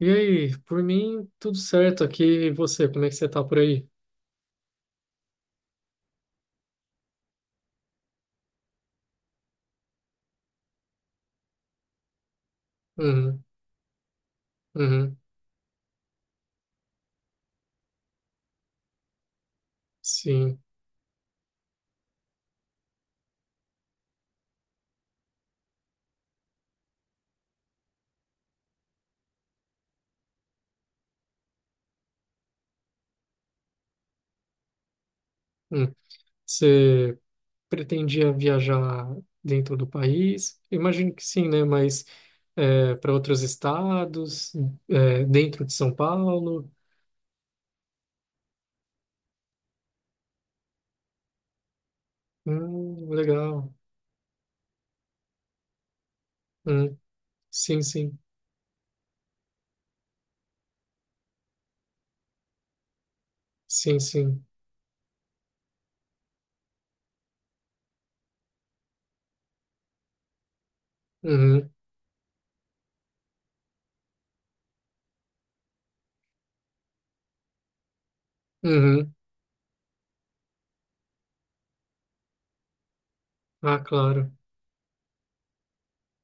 E aí, por mim, tudo certo aqui. E você, como é que você tá por aí? Uhum, uhum, sim. Hum. Você pretendia viajar dentro do país? Imagino que sim, né? Mas para outros estados, é, dentro de São Paulo? Legal. Hum, sim, sim, sim, sim. Uhum, uhum. Ah, claro.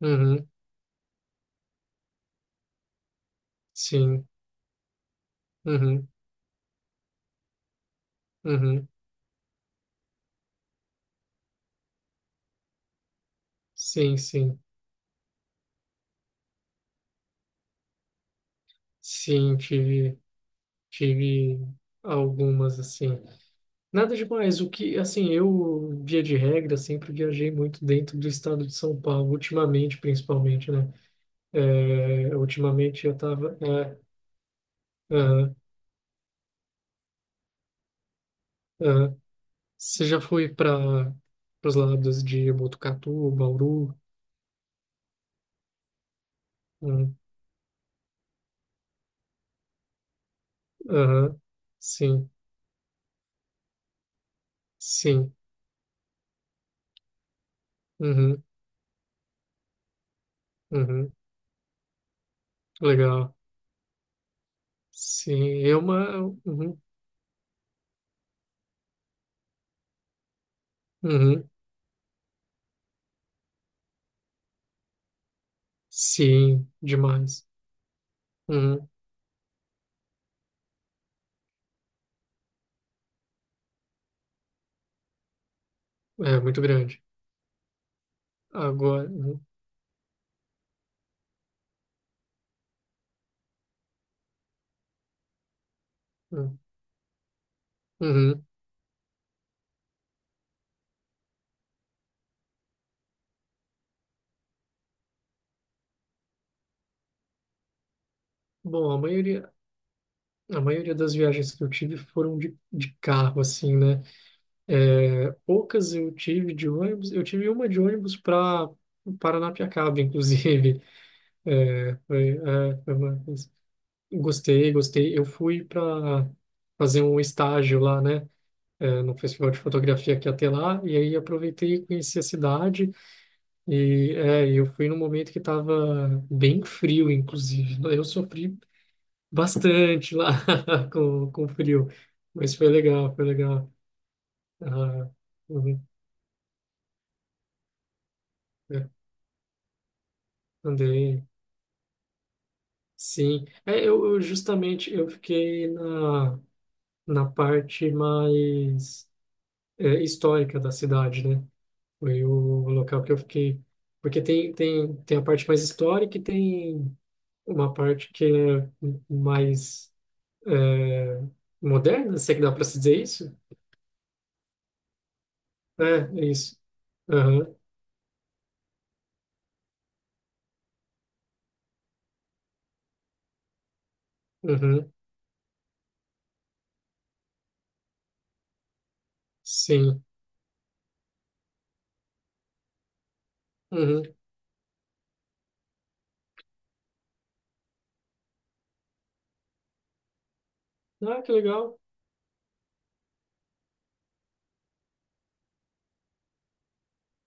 Uhum, sim. Uhum, uhum. Sim, sim. Sim, tive. Tive algumas, assim. Nada demais. O que, assim, eu, via de regra, sempre viajei muito dentro do estado de São Paulo, ultimamente, principalmente, né? É, ultimamente eu tava. É, aham, aham. Você já foi para os lados de Botucatu, Bauru? Hum, Aham, Sim, sim. Uhum, uhum. Legal. Sim, é uma. Uhum, uhum. Sim, demais. Uhum. É muito grande. Agora. Uhum. uhum. Uhum. Bom, a maioria das viagens que eu tive foram de carro, assim, né? É, poucas eu tive de ônibus. Eu tive uma de ônibus para Paranapiacaba, inclusive. É, foi, é, foi uma- Gostei, gostei. Eu fui para fazer um estágio lá, né? É, no Festival de Fotografia que ia ter lá, e aí aproveitei e conheci a cidade, e é, eu fui num momento que estava bem frio, inclusive. Eu sofri bastante lá com frio. Mas foi legal, foi legal. Ah, uhum, é, andei, sim. É, eu justamente eu fiquei na parte mais é, histórica da cidade, né? Foi o local que eu fiquei. Porque tem a parte mais histórica e tem uma parte que é mais é, moderna, se é que dá para se dizer isso? É, é isso. Aham, uhum, sim. Uhum. Ah, que legal.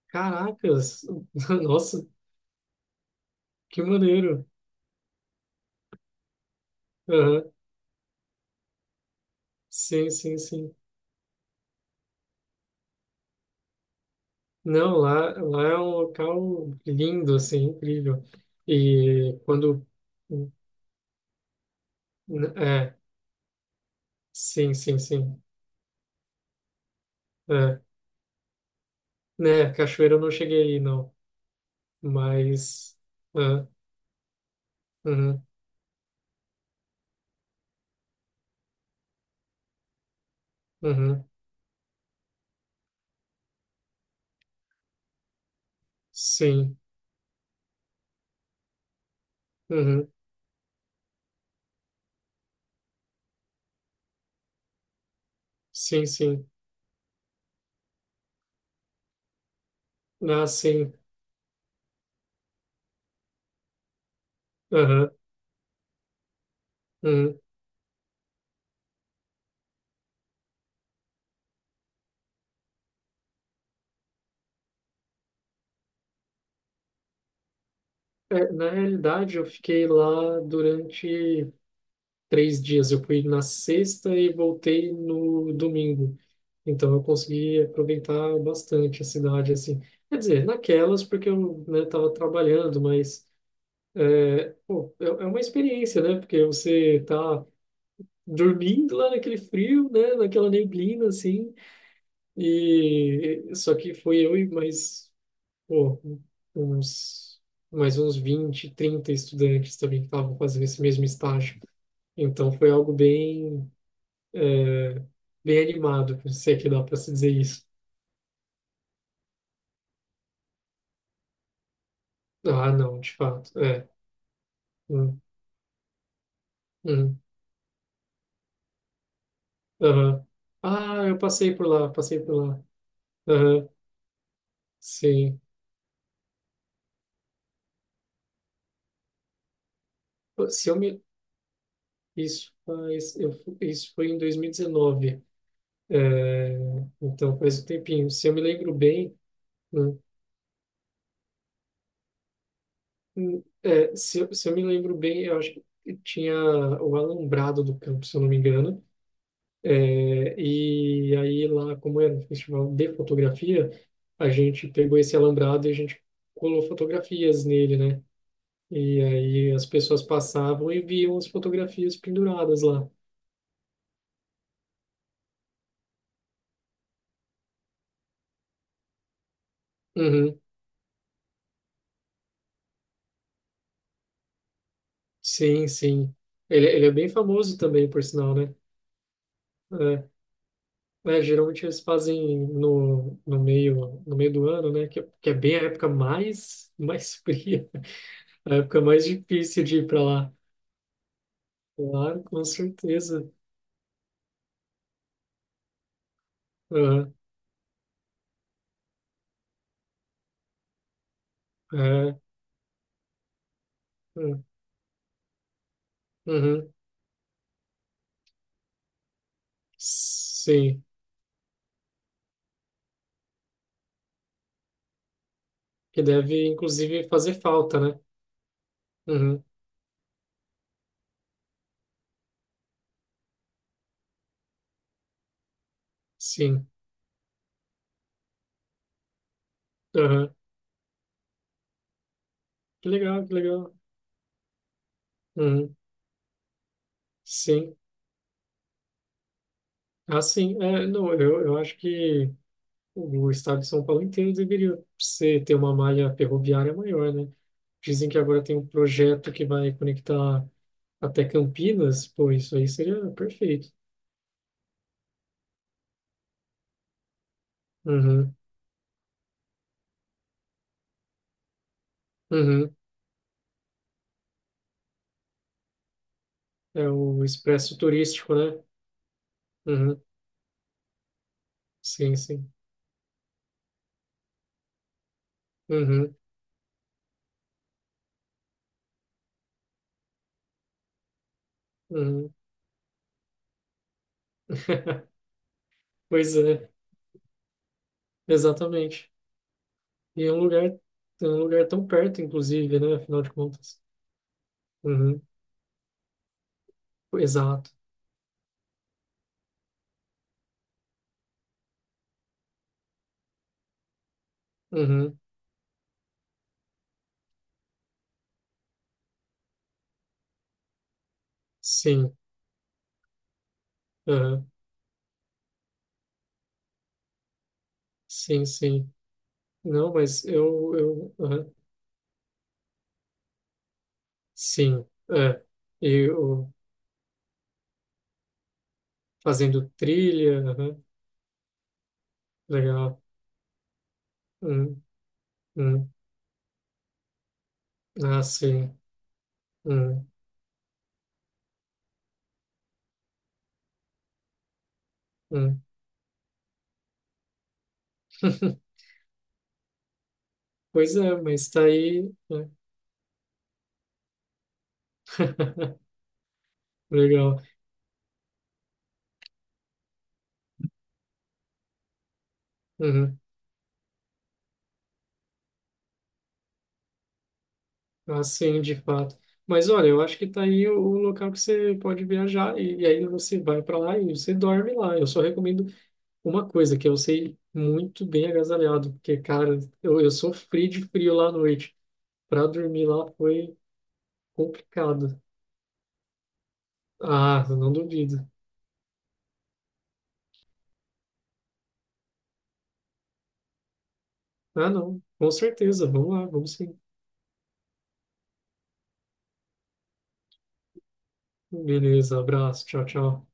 Caracas. Nossa, que maneiro. Aham. Sim, sim, sim. Não, lá é um local lindo, assim, incrível. E quando... É, sim, sim, sim. É. Né, cachoeira eu não cheguei aí, não. Mas... ah, uhum, uhum, sim. Uhum, sim, sim. Ah, sim. Aham, uhum. É, na realidade, eu fiquei lá durante 3 dias. Eu fui na sexta e voltei no domingo. Então eu consegui aproveitar bastante a cidade, assim. Quer dizer, naquelas, porque eu, né, tava trabalhando, mas, pô, é, é uma experiência, né? Porque você tá dormindo lá naquele frio, né? Naquela neblina, assim. E só que foi eu e mais, pô, uns, mais uns 20 30 estudantes também que estavam fazendo esse mesmo estágio. Então foi algo bem bem animado, se é que dá pra se dizer isso. Ah, não, de fato, é. Hum, hum, aham. Ah, eu passei por lá, passei por lá. Aham, sim. Se eu me... Isso faz... Isso foi em 2019. É, então, faz um tempinho. Se eu me lembro bem... hum, é, se eu me lembro bem, eu acho que tinha o alambrado do campo, se eu não me engano. É, e aí lá, como era um festival de fotografia, a gente pegou esse alambrado e a gente colou fotografias nele, né? E aí as pessoas passavam e viam as fotografias penduradas lá. Uhum. Sim, sim. Ele é bem famoso também, por sinal, né? É, né, geralmente eles fazem no meio do ano, né? Que é bem a época mais fria, a época mais difícil de ir para lá. Claro, com certeza. Uhum. É, é. Uhum. Sim. Que deve, inclusive, fazer falta, né? Uhum. Sim. Uhum. Que legal, que legal. Uhum. Sim. Ah, sim. É, não, eu acho que o estado de São Paulo inteiro deveria ser, ter uma malha ferroviária maior, né? Dizem que agora tem um projeto que vai conectar até Campinas. Pô, isso aí seria perfeito. Uhum. Uhum. É o expresso turístico, né? Uhum. Sim, sim. Uhum. Uhum. Pois é. Exatamente. E é um lugar tão perto, inclusive, né? Afinal de contas. Uhum. Exato. Uhum. Sim. Uhum. Sim, sim. Não, mas eu, uhum. Sim. É. E o fazendo trilha, uhum. Legal. Uhum. Uhum. Ah, sim. Uhum. Uhum. Pois é, mas tá aí. Né? Legal. Uhum. Ah, sim, de fato. Mas olha, eu acho que tá aí o local que você pode viajar e aí você vai para lá e você dorme lá. Eu só recomendo uma coisa, que é você ir muito bem agasalhado, porque, cara, eu sofri de frio lá à noite. Para dormir lá foi complicado. Ah, eu não duvido. Ah, não, com certeza. Vamos lá, vamos sim. Beleza, abraço, tchau, tchau.